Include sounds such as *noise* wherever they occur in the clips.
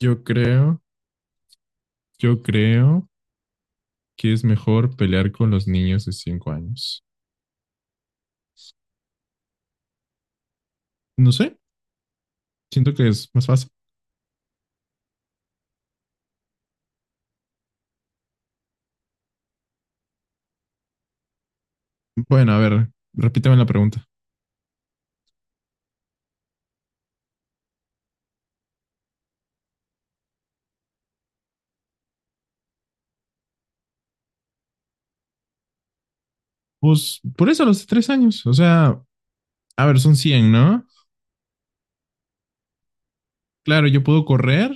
Yo creo, yo creo que es mejor pelear con los niños de 5 años. No sé, siento que es más fácil. Bueno, a ver, repíteme la pregunta. Pues por eso los de 3 años, o sea, a ver, son 100, ¿no? Claro, yo puedo correr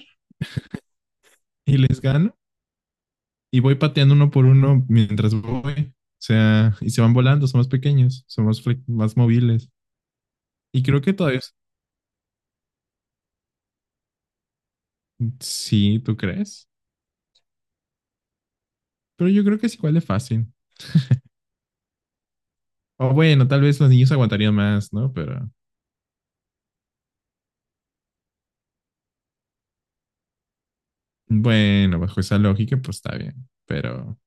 y les gano y voy pateando uno por uno mientras voy. O sea, y se van volando, son más pequeños, son más, más móviles. Y creo que todavía es- Sí, ¿tú crees? Pero yo creo que es igual de fácil. O bueno, tal vez los niños aguantarían más, ¿no? Pero. Bueno, bajo esa lógica, pues está bien, pero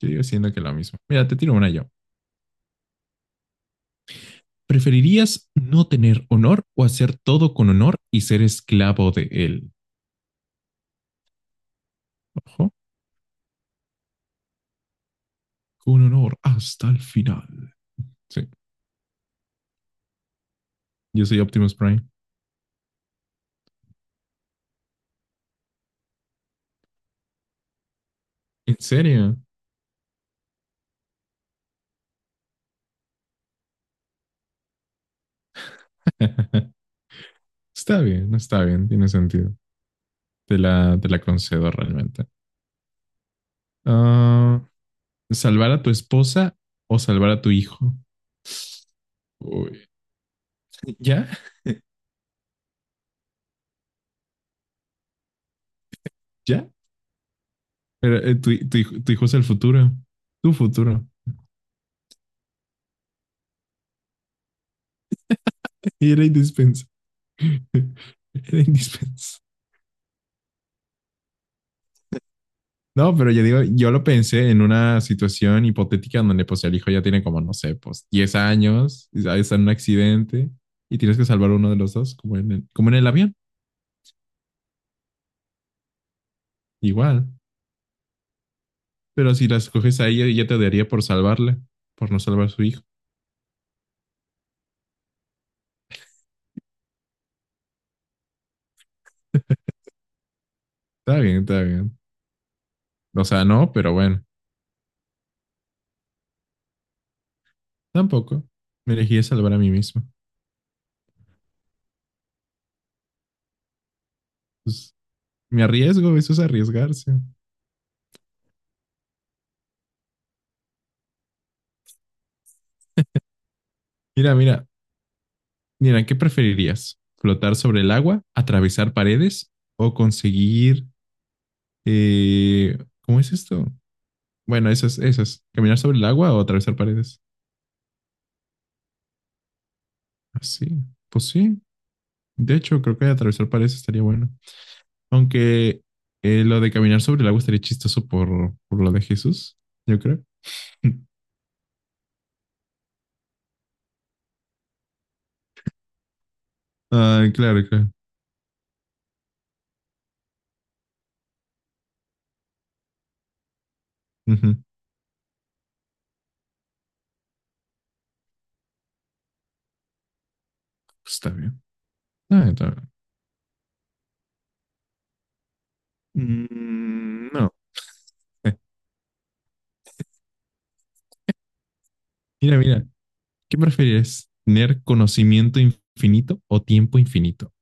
yo digo siendo que lo mismo. Mira, te tiro una yo. ¿Preferirías no tener honor o hacer todo con honor y ser esclavo de él? Ojo, con honor hasta el final. Sí, yo soy Optimus Prime. ¿En serio? *laughs* Está bien, tiene sentido. Te la concedo realmente. Ah, ¿salvar a tu esposa o salvar a tu hijo? Uy, ¿ya? ¿Ya? Pero, tu hijo es el futuro, tu futuro. Y era indispensable. *laughs* Era indispensable. No, pero yo digo, yo lo pensé en una situación hipotética donde pues el hijo ya tiene como, no sé, pues 10 años, y está en un accidente y tienes que salvar uno de los dos, como en el avión, igual. Pero si las coges a ella, ella te daría por salvarle, por no salvar a su hijo. Está bien, está bien. O sea, no, pero bueno, tampoco. Me elegí a salvar a mí mismo. Pues me arriesgo, eso es arriesgarse. Mira, mira, mira, ¿qué preferirías? ¿Flotar sobre el agua, atravesar paredes o conseguir? eh, ¿Cómo es esto? Bueno, esas, esas. ¿Caminar sobre el agua o atravesar paredes? Así, pues sí. De hecho, creo que atravesar paredes estaría bueno. Aunque lo de caminar sobre el agua estaría chistoso por lo de Jesús, yo creo. *laughs* Ah, claro, claro. Ujú. Pues está bien. Ah, está bien. Mm, no. *laughs* Eh, Mira, mira. ¿Qué prefieres? ¿Tener conocimiento infinito o tiempo infinito?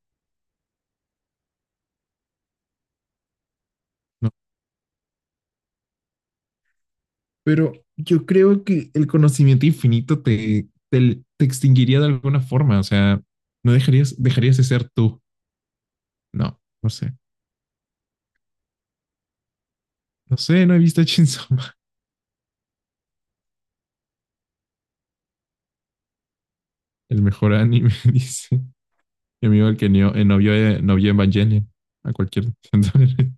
No, pero yo creo que el conocimiento infinito te extinguiría de alguna forma. O sea, no dejarías de ser tú. No, no sé. No sé, no he visto Chainsaw Man. *laughs* El mejor anime, *laughs* dice. Mi amigo el que no vio Evangelion. A cualquier. *laughs* Mi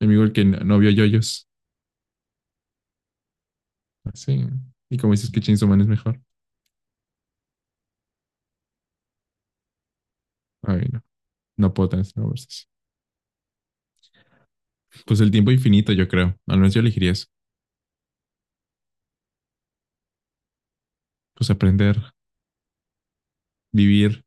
amigo el que no vio Yoyos. Ah, sí. Y como dices que Chainsaw Man es mejor. Ay, no. No puedo tener esa conversación. Pues el tiempo infinito, yo creo. Al menos yo elegiría eso. Pues aprender, vivir.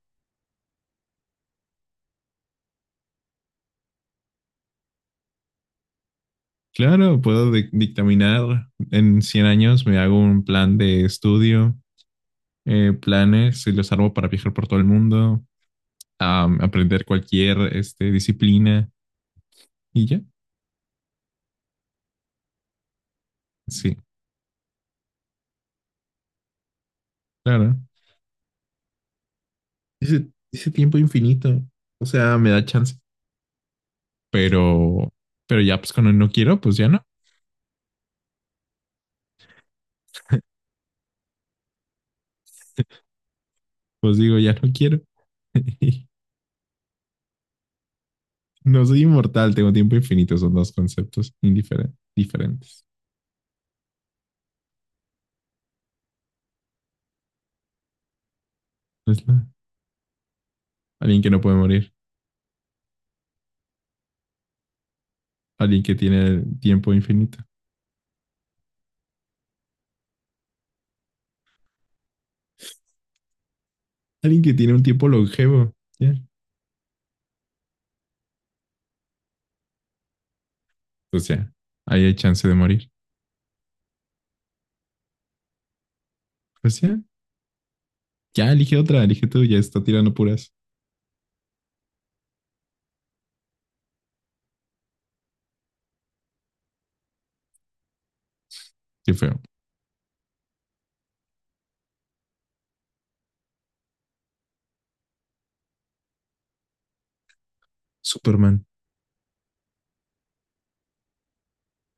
Claro, puedo dictaminar en 100 años, me hago un plan de estudio, planes y los armo para viajar por todo el mundo, aprender cualquier este, disciplina y ya. Sí, claro. Ese tiempo infinito, o sea, me da chance. Pero, pero ya, pues cuando no quiero, pues ya no. Pues digo, ya no quiero. *laughs* No soy inmortal, tengo tiempo infinito, son dos conceptos diferentes. Es la- Alguien que no puede morir. Alguien que tiene tiempo infinito. Alguien que tiene un tiempo longevo. ¿Ya? O sea, ahí hay chance de morir. Pues ya, ya elige otra, elige tú, ya está tirando puras. Qué feo. Superman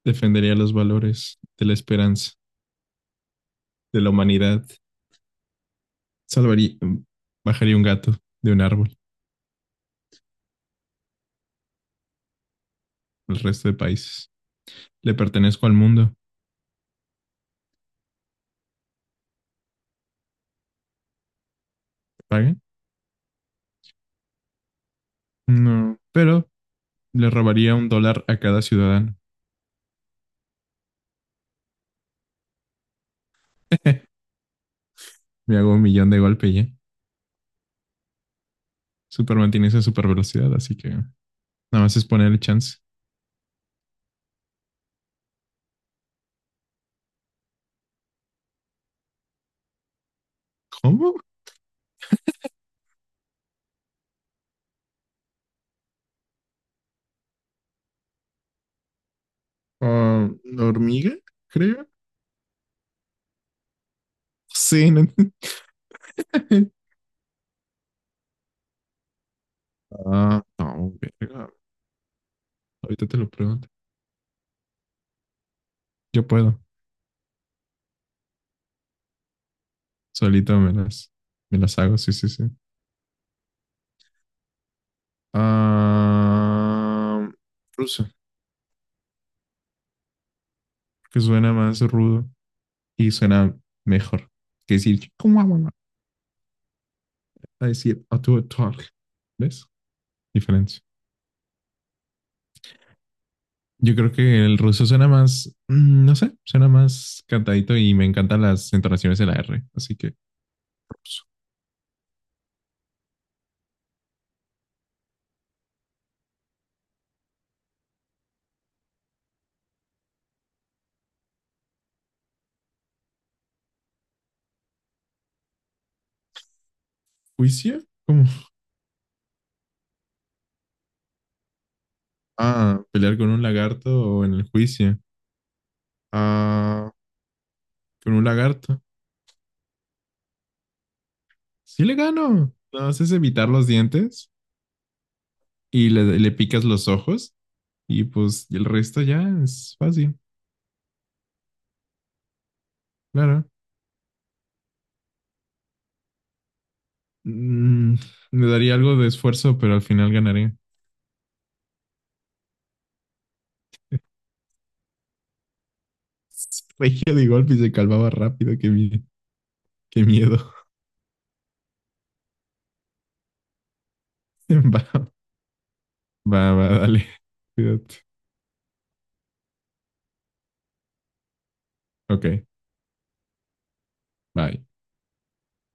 defendería los valores de la esperanza, de la humanidad. Salvaría, bajaría un gato de un árbol al resto de países. Le pertenezco al mundo. ¿Paguen? No. Pero le robaría $1 a cada ciudadano. *laughs* Me hago 1 millón de golpe ya. Superman tiene esa super velocidad, así que nada más es ponerle chance. ¿Cómo? Ah, ¿hormiga? Creo. Sí, no. *laughs* Ah, no, verga. Ahorita te lo pregunto. Yo puedo. Solito me las hago, sí, sí, sí. Ah, ruso, que suena más rudo y suena mejor que decir, ¿cómo vamos a decir a tu talk? ¿Ves? Diferencia. Yo creo que el ruso suena más, no sé, suena más cantadito y me encantan las entonaciones de la R, así que ruso. ¿Juicio? Ah, pelear con un lagarto o en el juicio. Ah, con un lagarto. Sí le gano. Nada más es evitar los dientes y le picas los ojos y pues el resto ya es fácil, claro. Mm, Me daría algo de esfuerzo, pero al final ganaré. Regio *laughs* de golpe y se calmaba rápido. Qué miedo. *laughs* Va, va, va, dale. Cuídate. Ok, bye.